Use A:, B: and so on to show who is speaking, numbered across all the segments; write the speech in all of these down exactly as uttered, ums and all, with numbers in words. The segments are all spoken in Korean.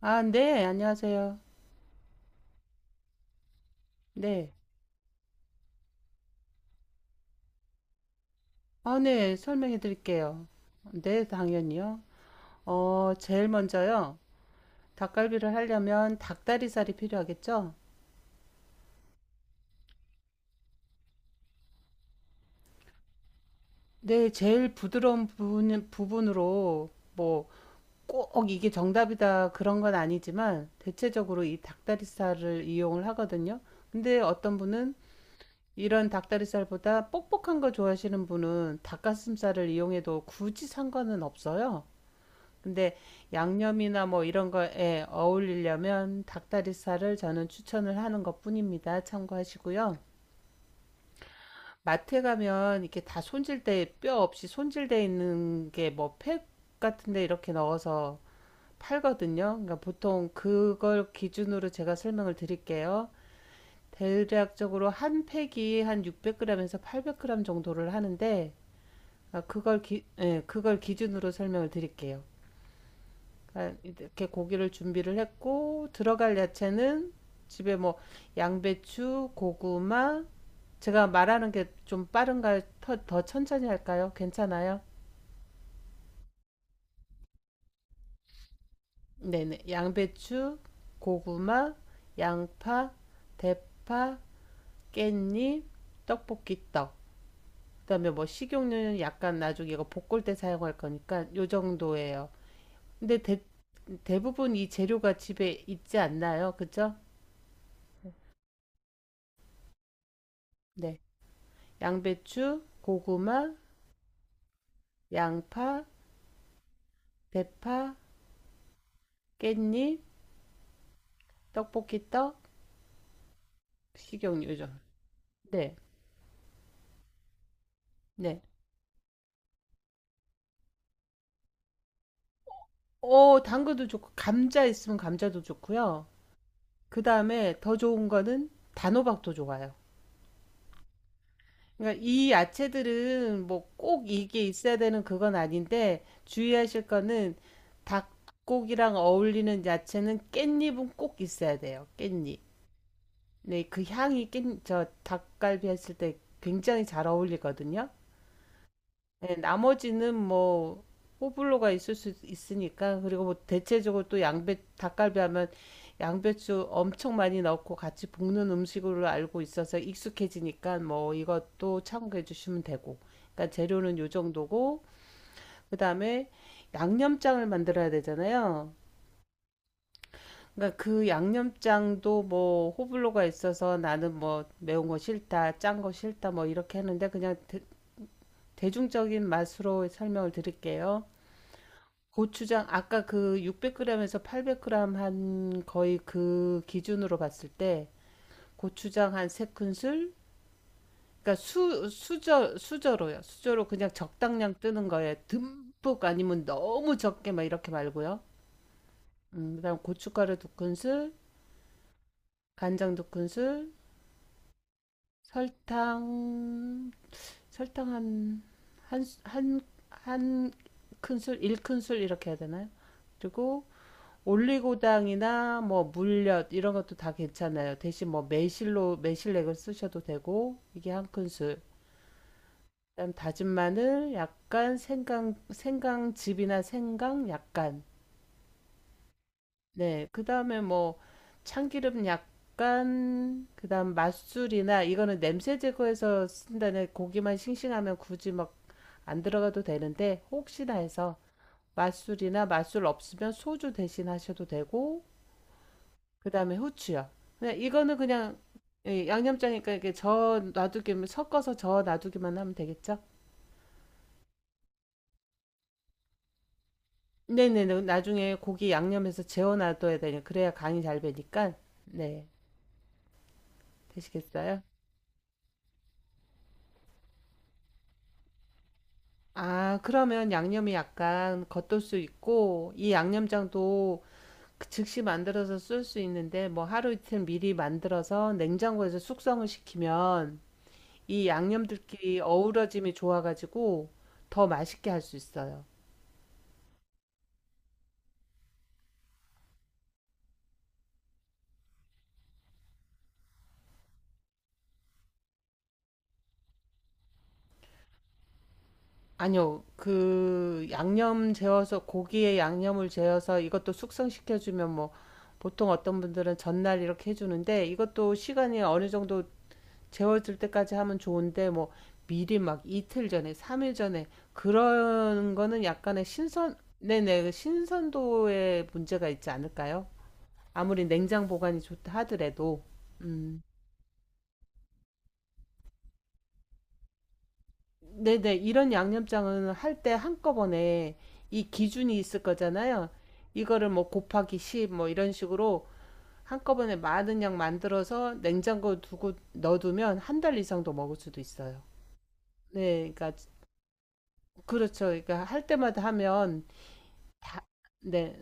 A: 아, 네, 안녕하세요. 네. 아, 네, 설명해 드릴게요. 네, 당연히요. 어, 제일 먼저요. 닭갈비를 하려면 닭다리살이 필요하겠죠? 네, 제일 부드러운 부분, 부분으로 뭐 꼭 이게 정답이다 그런 건 아니지만 대체적으로 이 닭다리살을 이용을 하거든요. 근데 어떤 분은 이런 닭다리살보다 뻑뻑한 거 좋아하시는 분은 닭가슴살을 이용해도 굳이 상관은 없어요. 근데 양념이나 뭐 이런 거에 어울리려면 닭다리살을 저는 추천을 하는 것뿐입니다. 참고하시고요. 마트에 가면 이렇게 다 손질돼 뼈 없이 손질돼 있는 게 뭐 팩 같은데 이렇게 넣어서 팔거든요. 그러니까 보통 그걸 기준으로 제가 설명을 드릴게요. 대략적으로 한 팩이 한 육백 그램에서 팔백 그램 정도를 하는데 아, 그걸 기, 예, 그걸 기준으로 설명을 드릴게요. 그러니까 이렇게 고기를 준비를 했고 들어갈 야채는 집에 뭐 양배추, 고구마. 제가 말하는 게 좀 빠른가요? 더, 더 천천히 할까요? 괜찮아요? 네네. 양배추, 고구마, 양파, 대파, 깻잎, 떡볶이 떡. 그다음에 뭐 식용유는 약간 나중에 이거 볶을 때 사용할 거니까 요 정도예요. 근데 대, 대부분 이 재료가 집에 있지 않나요? 그죠? 네. 양배추, 고구마, 양파, 대파, 깻잎, 떡볶이 떡, 식용유죠. 네, 네. 오, 당근도 좋고, 감자 있으면 감자도 좋고요. 그 다음에 더 좋은 거는 단호박도 좋아요. 그러니까 이 야채들은 뭐 꼭 이게 있어야 되는 그건 아닌데, 주의하실 거는 닭고기랑 어울리는 야채는 깻잎은 꼭 있어야 돼요. 깻잎. 네, 그 향이 깻, 저 닭갈비 했을 때 굉장히 잘 어울리거든요. 네, 나머지는 뭐 호불호가 있을 수 있으니까 그리고 뭐 대체적으로 또 양배 닭갈비 하면 양배추 엄청 많이 넣고 같이 볶는 음식으로 알고 있어서 익숙해지니까 뭐 이것도 참고해 주시면 되고 그러니까 재료는 요 정도고 그다음에 양념장을 만들어야 되잖아요. 그러니까 그 양념장도 뭐 호불호가 있어서 나는 뭐 매운 거 싫다, 짠 거 싫다 뭐 이렇게 하는데 그냥 대, 대중적인 맛으로 설명을 드릴게요. 고추장 아까 그 육백 그램에서 팔백 그램 한 거의 그 기준으로 봤을 때 고추장 한 세 큰술 그러니까 수 수저 수저로요. 수저로 그냥 적당량 뜨는 거에 듬뿍 아니면 너무 적게 막 이렇게 말고요. 음, 그다음 고춧가루 두 큰술, 간장 두 큰술, 설탕 설탕 한 한 한 한 큰술, 일 큰술 이렇게 해야 되나요? 그리고 올리고당이나 뭐 물엿 이런 것도 다 괜찮아요. 대신 뭐 매실로 매실액을 쓰셔도 되고 이게 한 큰술. 그다음 다진 마늘 약간 생강 생강즙이나 생강 약간. 네. 그다음에 뭐 참기름 약간 그다음 맛술이나 이거는 냄새 제거해서 쓴다는 고기만 싱싱하면 굳이 막 안 들어가도 되는데 혹시나 해서 맛술이나 맛술 없으면 소주 대신 하셔도 되고 그다음에 후추요. 그냥 이거는 그냥 예, 양념장이니까 이렇게 저 놔두기만 섞어서 저 놔두기만 하면 되겠죠? 네네네. 나중에 고기 양념해서 재워놔둬야 되요 그래야 간이 잘 배니까. 네. 되시겠어요? 아, 그러면 양념이 약간 겉돌 수 있고 이 양념장도 그 즉시 만들어서 쓸 수 있는데 뭐 하루 이틀 미리 만들어서 냉장고에서 숙성을 시키면 이 양념들끼리 어우러짐이 좋아가지고 더 맛있게 할 수 있어요. 아니요. 그 양념 재워서 고기에 양념을 재워서 이것도 숙성시켜 주면 뭐 보통 어떤 분들은 전날 이렇게 해 주는데 이것도 시간이 어느 정도 재워질 때까지 하면 좋은데 뭐 미리 막 이틀 전에, 삼 일 전에 그런 거는 약간의 신선 네네. 신선도에 문제가 있지 않을까요? 아무리 냉장 보관이 좋다 하더라도. 음. 네네, 이런 양념장은 할 때 한꺼번에 이 기준이 있을 거잖아요. 이거를 뭐 곱하기 십 뭐 이런 식으로 한꺼번에 많은 양 만들어서 냉장고 두고 넣어두면 한 달 이상도 먹을 수도 있어요. 네, 그러니까 그렇죠. 그러니까 할 때마다 하면 다, 네,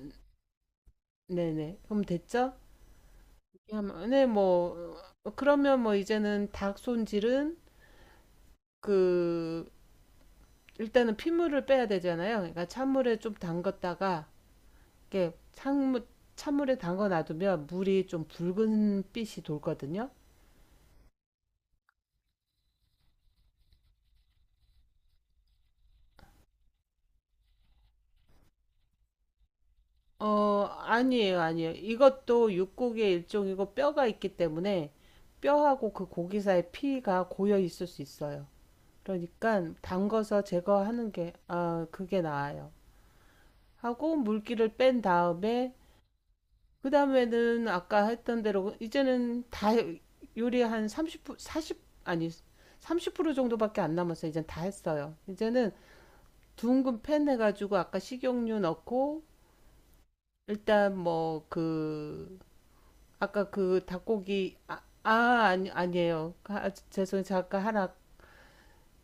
A: 네네. 그럼 됐죠? 그냥 네, 뭐 어, 그러면 뭐 이제는 닭 손질은 그 일단은 핏물을 빼야 되잖아요. 그러니까 찬물에 좀 담갔다가 이렇게 찬물, 찬물에 담가 놔두면 물이 좀 붉은 빛이 돌거든요. 어, 아니에요, 아니에요. 이것도 육고기의 일종이고 뼈가 있기 때문에 뼈하고 그 고기 사이 피가 고여 있을 수 있어요. 그러니까 담궈서 제거하는 게, 아, 그게 나아요. 하고 물기를 뺀 다음에 그 다음에는 아까 했던 대로 이제는 다 요리 한 삼십, 사십, 아니 삼십 프로 정도밖에 안 남았어요. 이젠 다 했어요. 이제는 둥근 팬 해가지고 아까 식용유 넣고 일단 뭐 그 아까 그 닭고기 아, 아 아니 아니에요. 아, 죄송해요. 잠깐 하나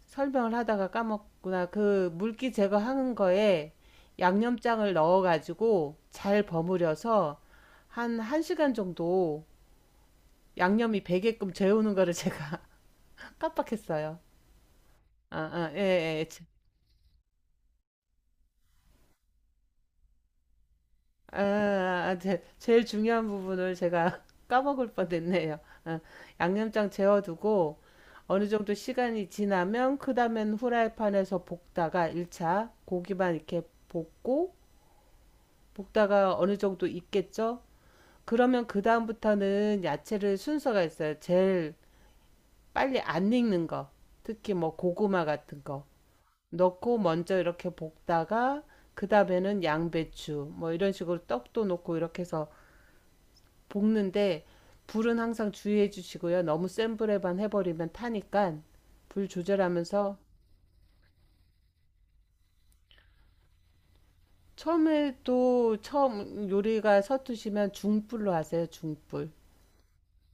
A: 설명을 하다가 까먹구나. 그 물기 제거하는 거에 양념장을 넣어가지고 잘 버무려서 한 1시간 정도 양념이 배게끔 재우는 거를 제가 깜빡했어요. 아, 아, 예, 예. 예. 아, 아, 제, 제일 중요한 부분을 제가 까먹을 뻔했네요. 아, 양념장 재워두고 어느 정도 시간이 지나면 그 다음엔 후라이팬에서 볶다가 일 차 고기만 이렇게 볶고 볶다가 어느 정도 익겠죠? 그러면 그 다음부터는 야채를 순서가 있어요. 제일 빨리 안 익는 거, 특히 뭐 고구마 같은 거 넣고 먼저 이렇게 볶다가 그 다음에는 양배추 뭐 이런 식으로 떡도 넣고 이렇게 해서 볶는데 불은 항상 주의해 주시고요. 너무 센 불에만 해버리면 타니까 불 조절하면서 처음에도 처음 요리가 서투시면 중불로 하세요. 중불.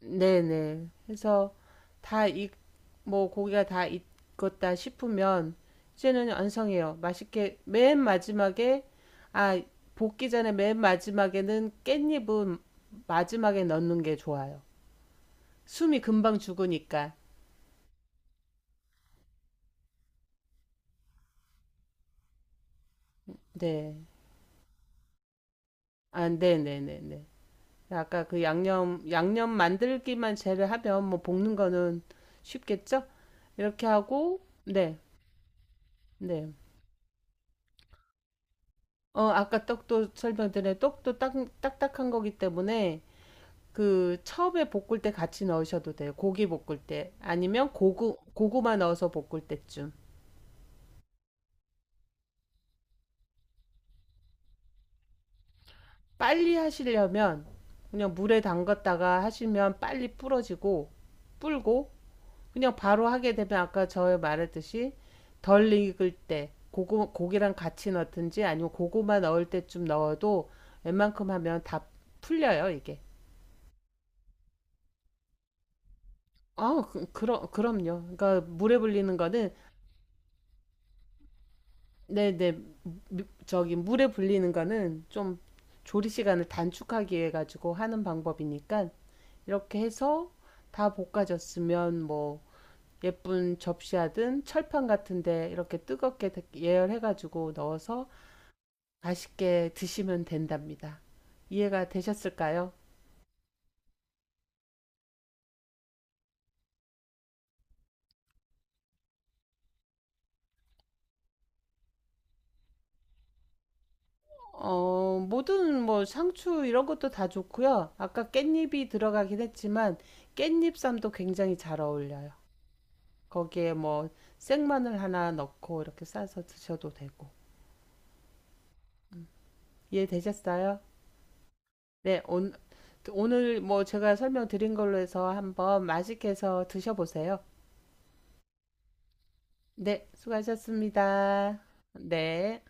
A: 네네. 해서 다 익, 뭐 고기가 다 익었다 싶으면 이제는 완성해요. 맛있게 맨 마지막에 아 볶기 전에 맨 마지막에는 깻잎은 마지막에 넣는 게 좋아요. 숨이 금방 죽으니까. 네. 아 네네네네. 아까 그 양념 양념 만들기만 제외하면 뭐 볶는 거는 쉽겠죠? 이렇게 하고 네. 네. 어 아까 떡도 설명드린 떡도 딱 딱딱한 거기 때문에 그 처음에 볶을 때 같이 넣으셔도 돼요. 고기 볶을 때 아니면 고구 고구마 넣어서 볶을 때쯤. 빨리 하시려면 그냥 물에 담갔다가 하시면 빨리 불어지고 불고 그냥 바로 하게 되면 아까 저 말했듯이 덜 익을 때 고구, 고기랑 같이 넣든지 아니면 고구마 넣을 때쯤 넣어도 웬만큼 하면 다 풀려요, 이게. 아, 그, 그럼 그럼요. 그러니까 물에 불리는 거는 네, 네. 저기 물에 불리는 거는 좀 조리 시간을 단축하기 위해 가지고 하는 방법이니까 이렇게 해서 다 볶아졌으면 뭐 예쁜 접시하든 철판 같은데 이렇게 뜨겁게 예열해가지고 넣어서 맛있게 드시면 된답니다. 이해가 되셨을까요? 어, 모든 뭐 상추 이런 것도 다 좋고요. 아까 깻잎이 들어가긴 했지만 깻잎쌈도 굉장히 잘 어울려요. 거기에 뭐 생마늘 하나 넣고 이렇게 싸서 드셔도 되고. 이해되셨어요? 네, 온, 오늘 뭐 제가 설명드린 걸로 해서 한번 맛있게 해서 드셔보세요. 네, 수고하셨습니다. 네.